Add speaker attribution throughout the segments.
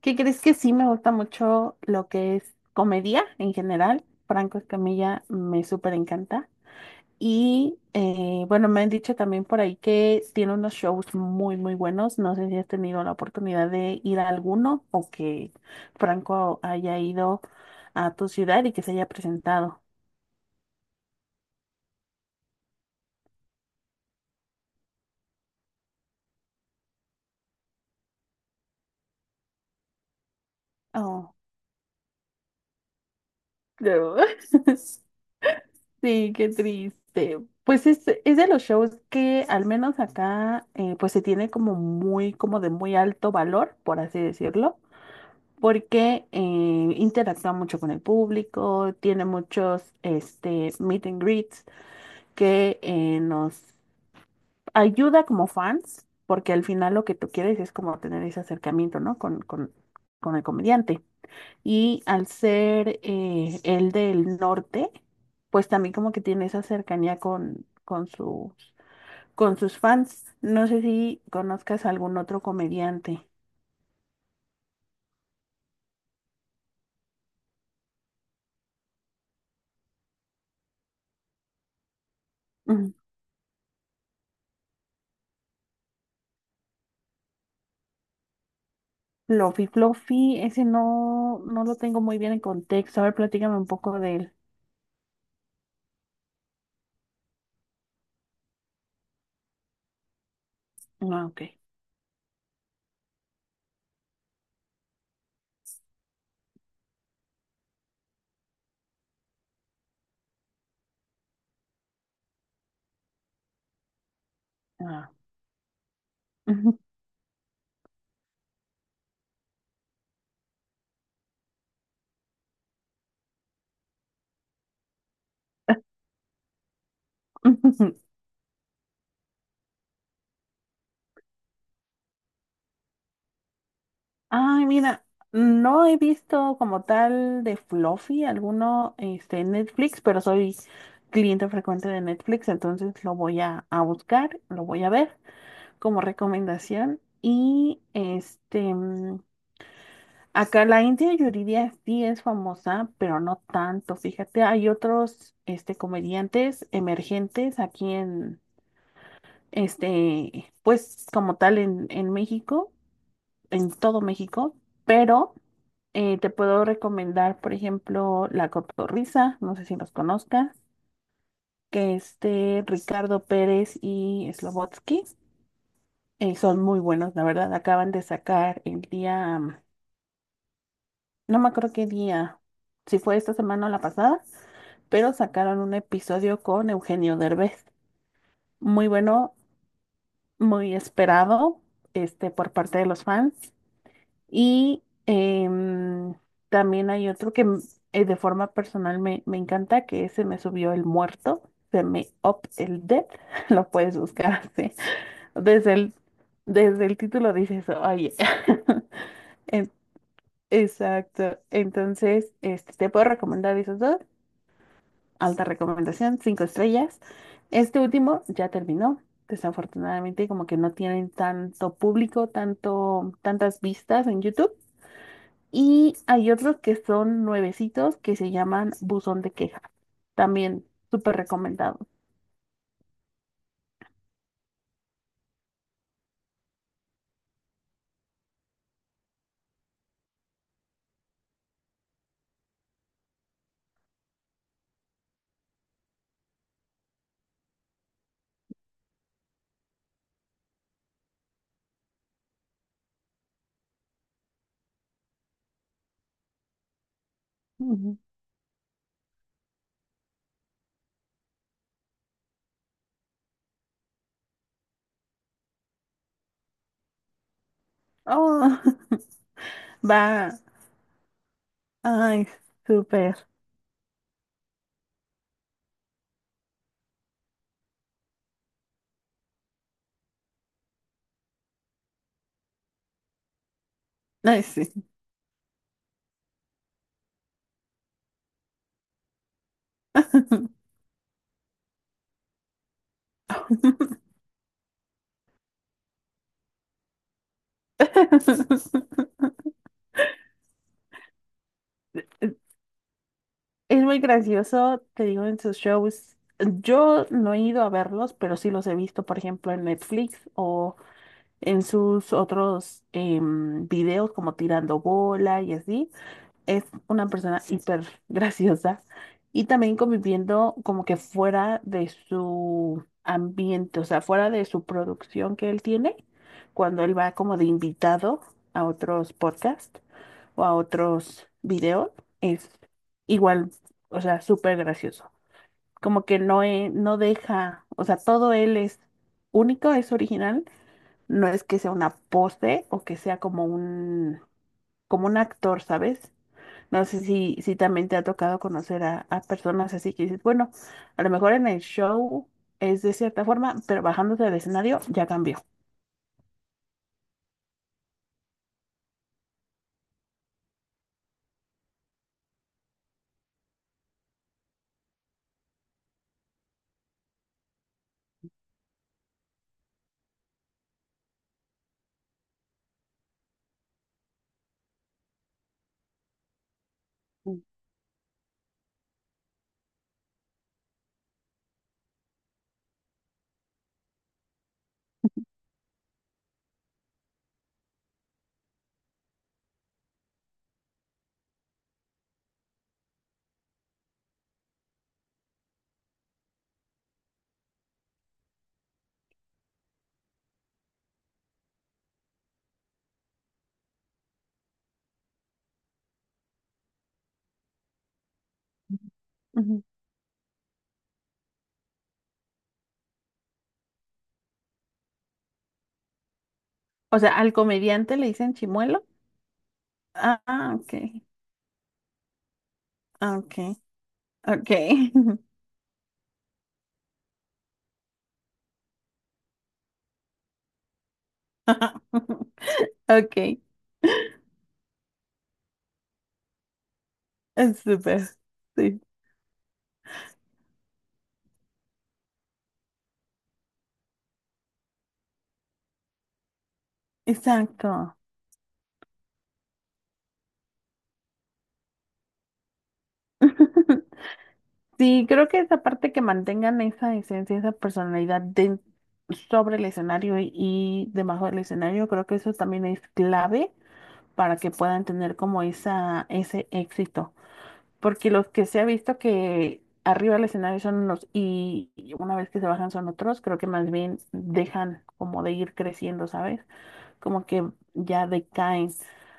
Speaker 1: ¿Qué crees? Que sí, me gusta mucho lo que es comedia en general. Franco Escamilla me súper encanta. Y bueno, me han dicho también por ahí que tiene unos shows muy, muy buenos. No sé si has tenido la oportunidad de ir a alguno o que Franco haya ido a tu ciudad y que se haya presentado. Oh, no. Sí, qué triste. Pues es de los shows que al menos acá pues se tiene como muy, como de muy alto valor, por así decirlo, porque interactúa mucho con el público, tiene muchos meet and greets que nos ayuda como fans, porque al final lo que tú quieres es como tener ese acercamiento, ¿no? Con el comediante. Y al ser el del norte, pues también como que tiene esa cercanía con con sus fans. No sé si conozcas algún otro comediante. Mm, Fluffy, ese no lo tengo muy bien en contexto. A ver, platícame un poco de él. Ah, ok. Ah. Ay, mira, no he visto como tal de Fluffy alguno en Netflix, pero soy cliente frecuente de Netflix, entonces lo voy a buscar, lo voy a ver como recomendación. Y mm, acá la India Yuridia sí es famosa, pero no tanto. Fíjate, hay otros comediantes emergentes aquí este, pues como tal en México, en todo México, pero... te puedo recomendar, por ejemplo, La Cotorrisa, no sé si los conozcas, que este Ricardo Pérez y Slobotsky son muy buenos, la verdad. Acaban de sacar el día, mm, no me acuerdo qué día, si fue esta semana o la pasada, pero sacaron un episodio con Eugenio Derbez. Muy bueno, muy esperado por parte de los fans. Y también hay otro que de forma personal me encanta, que es Se me subió el muerto, se me up el dead, lo puedes buscar así. Desde el, desde el título dices eso, oye. En- Exacto. Entonces, este, te puedo recomendar esos dos. Alta recomendación, 5 estrellas. Este último ya terminó. Desafortunadamente, como que no tienen tanto público, tantas vistas en YouTube. Y hay otros que son nuevecitos que se llaman Buzón de Queja. También súper recomendado. Ujú. Oh, va. Ay, súper. Ay, sí. Es muy gracioso, te digo, en sus shows. Yo no he ido a verlos, pero sí los he visto, por ejemplo, en Netflix o en sus otros videos como tirando bola y así. Es una persona hiper graciosa y también conviviendo como que fuera de su ambiente, o sea, fuera de su producción que él tiene, cuando él va como de invitado a otros podcasts o a otros videos, es igual, o sea, súper gracioso. Como que no, no deja, o sea, todo él es único, es original, no es que sea una pose o que sea como como un actor, ¿sabes? No sé si también te ha tocado conocer a personas así que dices, bueno, a lo mejor en el show es de cierta forma, pero bajándose del escenario ya cambió. Mm. Ujú. O sea, al comediante le dicen chimuelo. Ah, ah, ok, ah, ok, ok. Ok, es súper. Sí, exacto. Sí, creo que esa parte que mantengan esa esencia, esa personalidad de- sobre el escenario y debajo del escenario, creo que eso también es clave para que puedan tener como esa, ese éxito. Porque los que se ha visto que arriba del escenario son unos y una vez que se bajan son otros, creo que más bien dejan como de ir creciendo, ¿sabes? Como que ya decaen.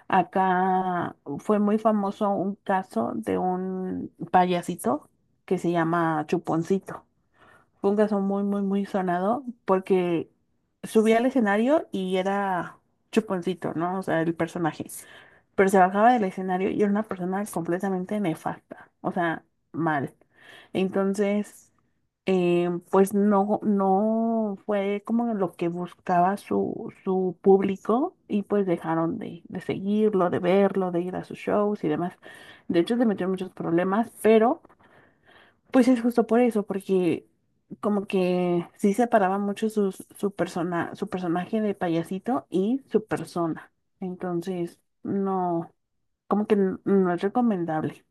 Speaker 1: Acá fue muy famoso un caso de un payasito que se llama Chuponcito. Fue un caso muy, muy, muy sonado porque subía al escenario y era chuponcito, ¿no? O sea, el personaje. Pero se bajaba del escenario y era una persona completamente nefasta, o sea, mal. Entonces, pues no, no fue como lo que buscaba su público y pues dejaron de seguirlo, de verlo, de ir a sus shows y demás. De hecho, se metió en muchos problemas, pero... Pues es justo por eso, porque como que sí separaba mucho su persona, su personaje de payasito y su persona. Entonces, no, como que no es recomendable,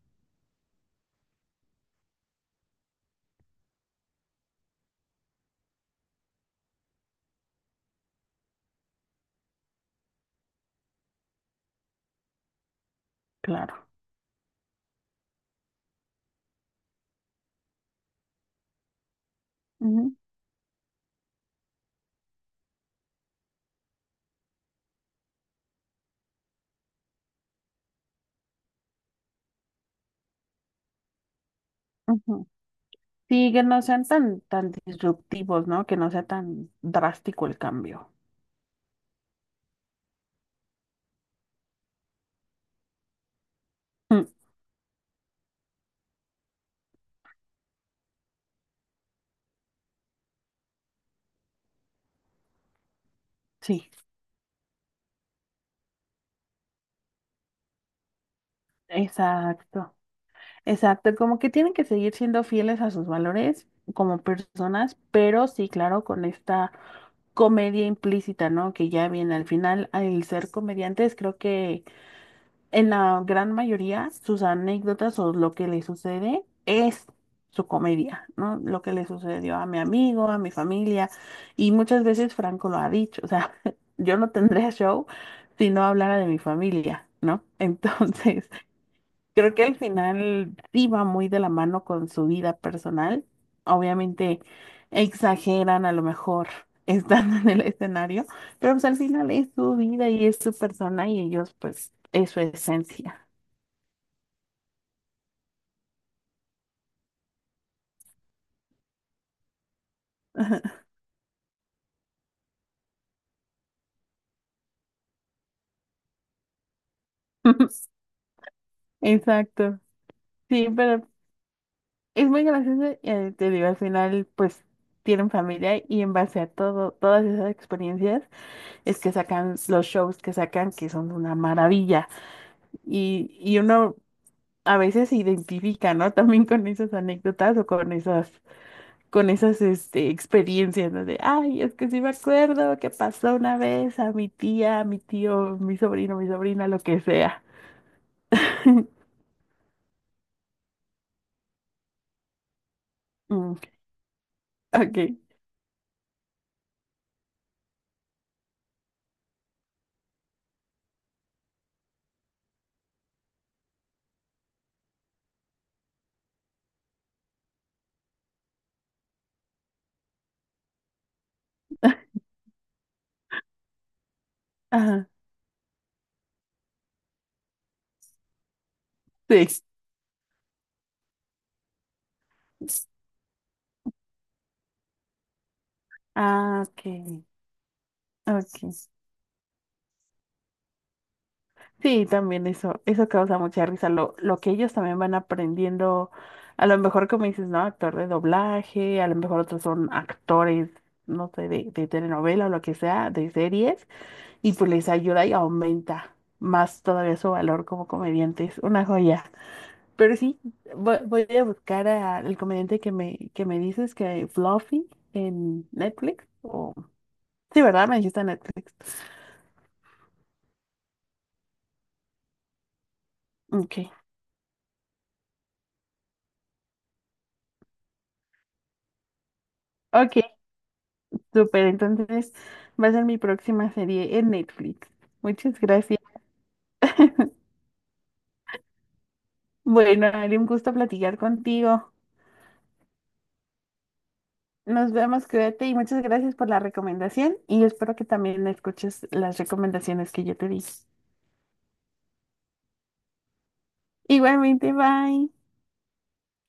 Speaker 1: claro. Ujú, ujú. Sí, que no sean tan, tan disruptivos, ¿no? Que no sea tan drástico el cambio. Mm, sí, exacto. Exacto, como que tienen que seguir siendo fieles a sus valores como personas, pero sí, claro, con esta comedia implícita, ¿no? Que ya viene al final, al ser comediantes, creo que en la gran mayoría sus anécdotas o lo que le sucede es su comedia, ¿no? Lo que le sucedió a mi amigo, a mi familia, y muchas veces Franco lo ha dicho, o sea, yo no tendría show si no hablara de mi familia, ¿no? Entonces, creo que al final sí va muy de la mano con su vida personal. Obviamente exageran a lo mejor estando en el escenario, pero pues al final es su vida y es su persona y ellos pues es su esencia. Exacto. Sí, pero es muy gracioso y te digo, al final pues tienen familia y en base a todo, todas esas experiencias es que sacan los shows que sacan que son una maravilla. Y uno a veces se identifica, ¿no? También con esas anécdotas con esas, experiencias, ¿no? De, ay, es que sí me acuerdo que pasó una vez a mi tía, a mi tío, mi sobrino, mi sobrina, lo que sea. Mm, ok. Ajá, sí. Ah, ok. Ok. Sí, también eso causa mucha risa, lo que ellos también van aprendiendo, a lo mejor como dices, ¿no? Actor de doblaje, a lo mejor otros son actores, no sé, de telenovela o lo que sea, de series, y pues les ayuda y aumenta más todavía su valor como comediantes, una joya. Pero sí, voy a buscar al comediante que que me dices, que Fluffy en Netflix, o... Sí, ¿verdad? Me dijiste en Netflix. Ok. Ok, súper, entonces va a ser mi próxima serie en Netflix. Muchas gracias. Bueno, Ari, un gusto platicar contigo. Nos vemos, cuídate y muchas gracias por la recomendación y espero que también escuches las recomendaciones que yo te di. Igualmente, bye.